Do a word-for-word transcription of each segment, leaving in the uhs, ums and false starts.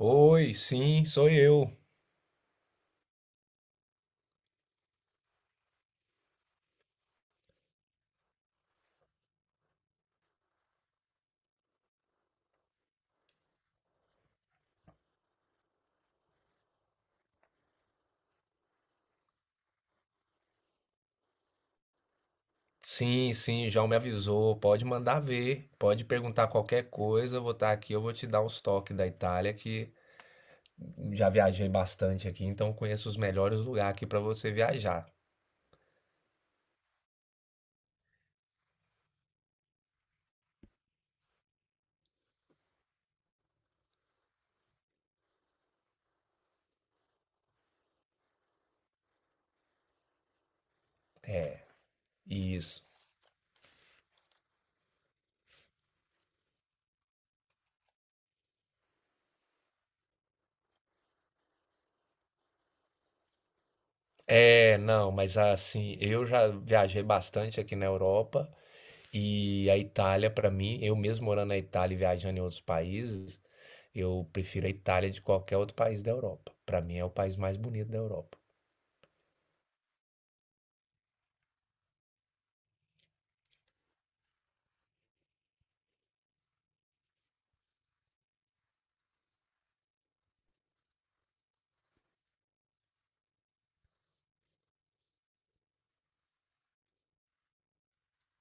Oi, sim, sou eu. Sim, sim, o João me avisou. Pode mandar ver, pode perguntar qualquer coisa. Eu vou estar aqui, eu vou te dar uns toques da Itália, que já viajei bastante aqui, então conheço os melhores lugares aqui para você viajar. É, isso. É, não, mas assim, eu já viajei bastante aqui na Europa e a Itália, para mim, eu mesmo morando na Itália e viajando em outros países, eu prefiro a Itália de qualquer outro país da Europa. Para mim é o país mais bonito da Europa.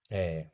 É.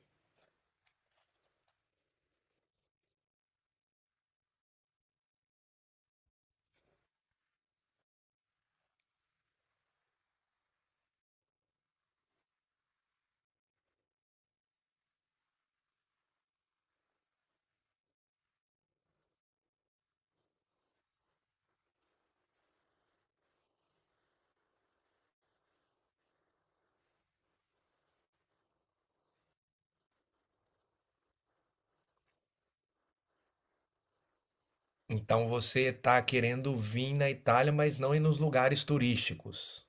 Então você está querendo vir na Itália, mas não ir nos lugares turísticos.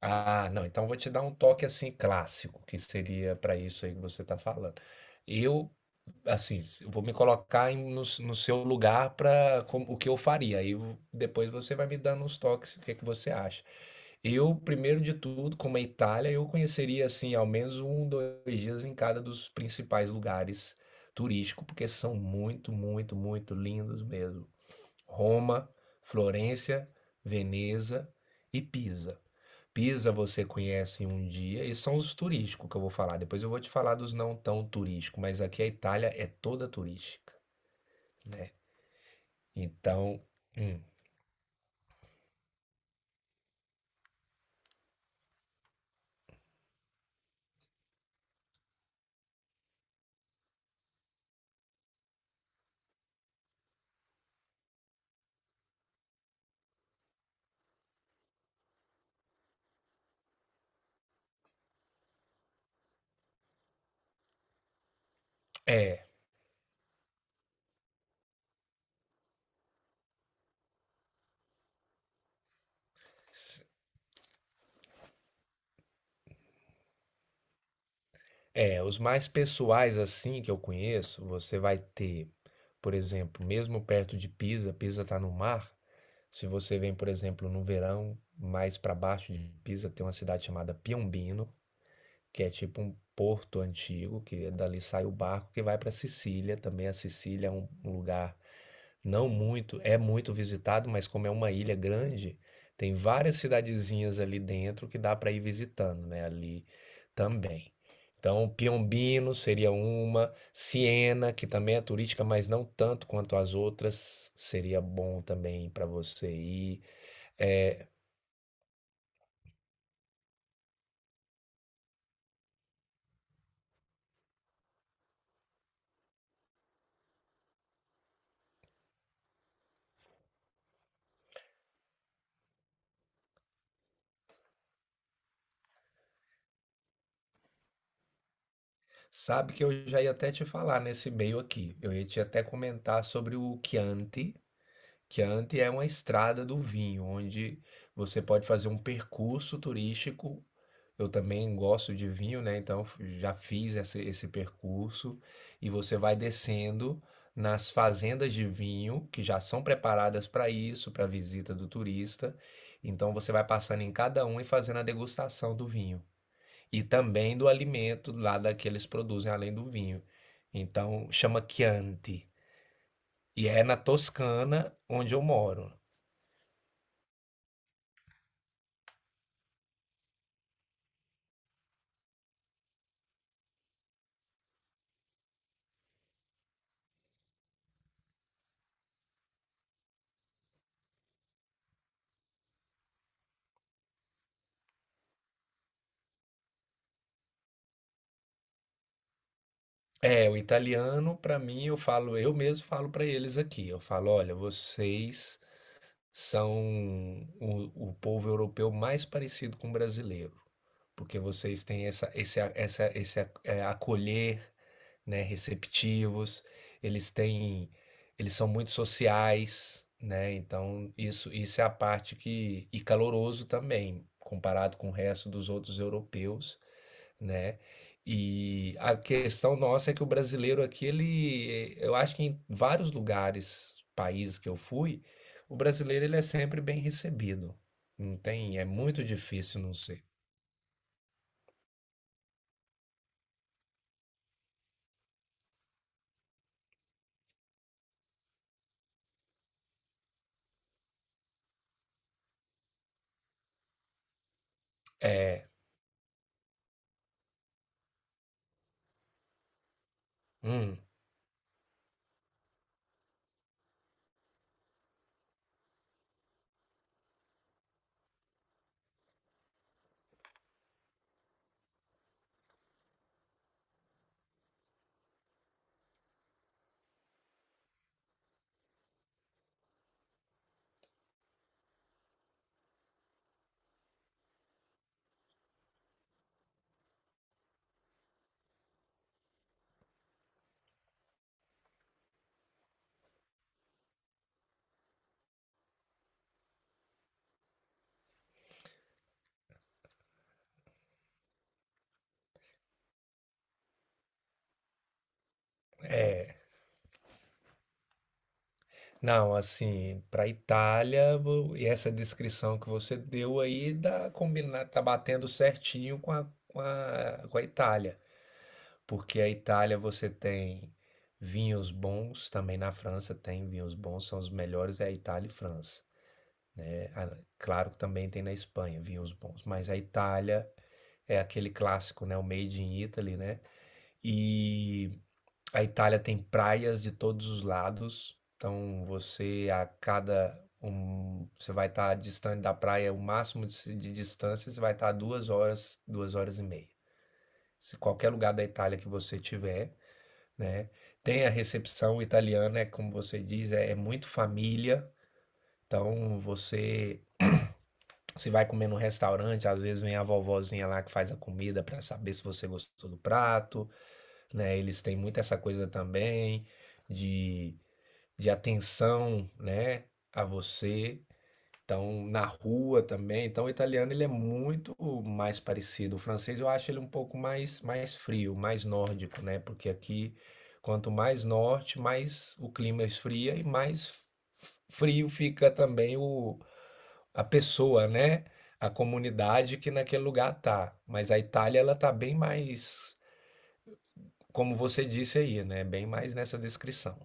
Ah, não. Então vou te dar um toque assim clássico, que seria para isso aí que você está falando. Eu, assim, s- vou me colocar em- no, s- no seu lugar para o que eu faria. Aí vo- depois você vai me dando uns toques, o que que você acha. Eu, primeiro de tudo, como é Itália, eu conheceria, assim, ao menos um, dois dias em cada dos principais lugares turísticos, porque são muito, muito, muito lindos mesmo. Roma, Florença, Veneza e Pisa. Pisa você conhece em um dia, e são os turísticos que eu vou falar. Depois eu vou te falar dos não tão turísticos, mas aqui a Itália é toda turística. Então, hum, é, é, os mais pessoais assim que eu conheço, você vai ter, por exemplo, mesmo perto de Pisa, Pisa está no mar. Se você vem, por exemplo, no verão, mais para baixo de Pisa, tem uma cidade chamada Piombino, que é tipo um porto antigo, que dali sai o barco que vai para Sicília. Também a Sicília é um um lugar não muito, é muito visitado, mas como é uma ilha grande, tem várias cidadezinhas ali dentro que dá para ir visitando, né? Ali também. Então, Piombino seria uma, Siena, que também é turística, mas não tanto quanto as outras, seria bom também para você ir. É, Sabe que eu já ia até te falar nesse meio aqui. Eu ia te até comentar sobre o Chianti. Chianti é uma estrada do vinho, onde você pode fazer um percurso turístico. Eu também gosto de vinho, né? Então f- já fiz esse, esse percurso e você vai descendo nas fazendas de vinho que já são preparadas para isso, para a visita do turista. Então você vai passando em cada um e fazendo a degustação do vinho e também do alimento lá da que eles produzem, além do vinho. Então, chama Chianti. E é na Toscana, onde eu moro. É, o italiano, para mim, eu falo, eu mesmo falo para eles aqui. Eu falo, olha, vocês são o, o povo europeu mais parecido com o brasileiro, porque vocês têm essa, esse, a- essa, esse é, é, acolher, né, receptivos, eles têm eles são muito sociais, né, então isso isso é a parte que e caloroso também, comparado com o resto dos outros europeus, né. E a questão nossa é que o brasileiro aqui ele eu acho que em vários lugares, países que eu fui, o brasileiro ele é sempre bem recebido, não tem é muito difícil não ser. É. Hum. Não, assim, para Itália, vo- e essa descrição que você deu aí dá combinar, tá batendo certinho com a, com a, com a Itália, porque a Itália você tem vinhos bons, também na França tem vinhos bons, são os melhores é a Itália e França. É, a- claro que também tem na Espanha vinhos bons, mas a Itália é aquele clássico, né, o Made in Italy, né? E a Itália tem praias de todos os lados, então você a cada um, você vai estar distante da praia, o máximo de, se- de distância, você vai estar duas horas, duas horas e meia. Se qualquer lugar da Itália que você tiver, né? Tem a recepção italiana, é como você diz, é, é muito família. Então você se vai comer no restaurante, às vezes vem a vovozinha lá que faz a comida para saber se você gostou do prato, né? Eles têm muito essa coisa também de de atenção, né, a você. Então, na rua também. Então, o italiano ele é muito mais parecido. O francês eu acho ele um pouco mais mais frio, mais nórdico, né? Porque aqui quanto mais norte, mais o clima esfria e mais f- frio fica também o a pessoa, né? A comunidade que naquele lugar tá. Mas a Itália ela tá bem mais, como você disse aí, né? Bem mais nessa descrição.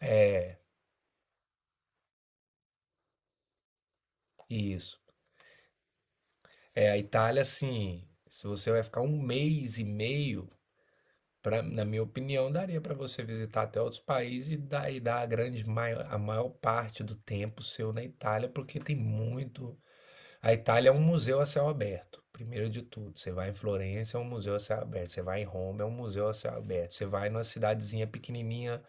É, isso. É, a Itália, assim, se você vai ficar um mês e meio, pra, na minha opinião, daria para você visitar até outros países e dar, e dar a grande maior, a maior parte do tempo seu na Itália, porque tem muito. A Itália é um museu a céu aberto, primeiro de tudo. Você vai em Florença, é um museu a céu aberto. Você vai em Roma, é um museu a céu aberto. Você vai numa cidadezinha pequenininha,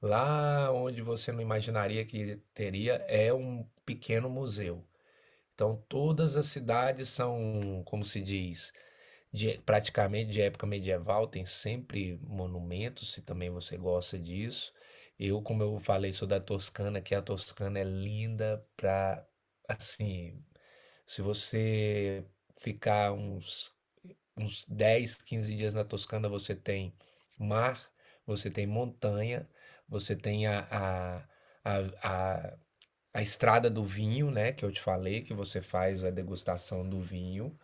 lá onde você não imaginaria que teria, é um pequeno museu. Então, todas as cidades são, como se diz, de- praticamente de época medieval, tem sempre monumentos, se também você gosta disso. Eu, como eu falei, sou da Toscana, que a Toscana é linda para, assim, se você ficar uns, uns dez quinze dias na Toscana, você tem mar, você tem montanha, você tem a, a, a, a a estrada do vinho, né, que eu te falei, que você faz a degustação do vinho.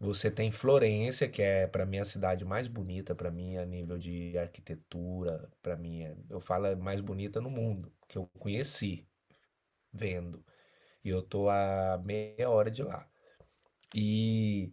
Você tem Florença, que é para mim a cidade mais bonita para mim a nível de arquitetura, para mim, é- eu falo é mais bonita no mundo, que eu conheci vendo. E eu tô a meia hora de lá. E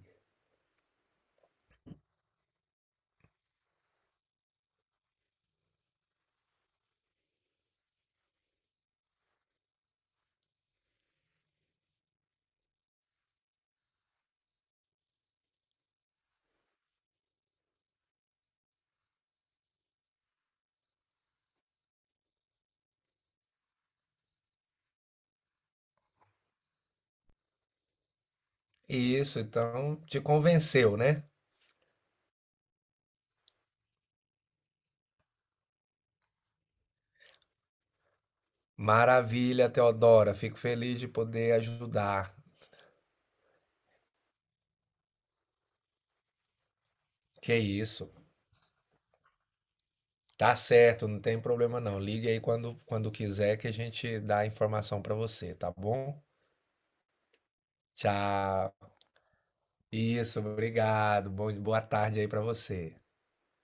isso, então te convenceu, né? Maravilha, Teodora, fico feliz de poder ajudar. Que isso? Tá certo, não tem problema não. Ligue aí quando, quando quiser que a gente dá a informação para você, tá bom? Tchau. Isso, obrigado. Bom, boa tarde aí para você.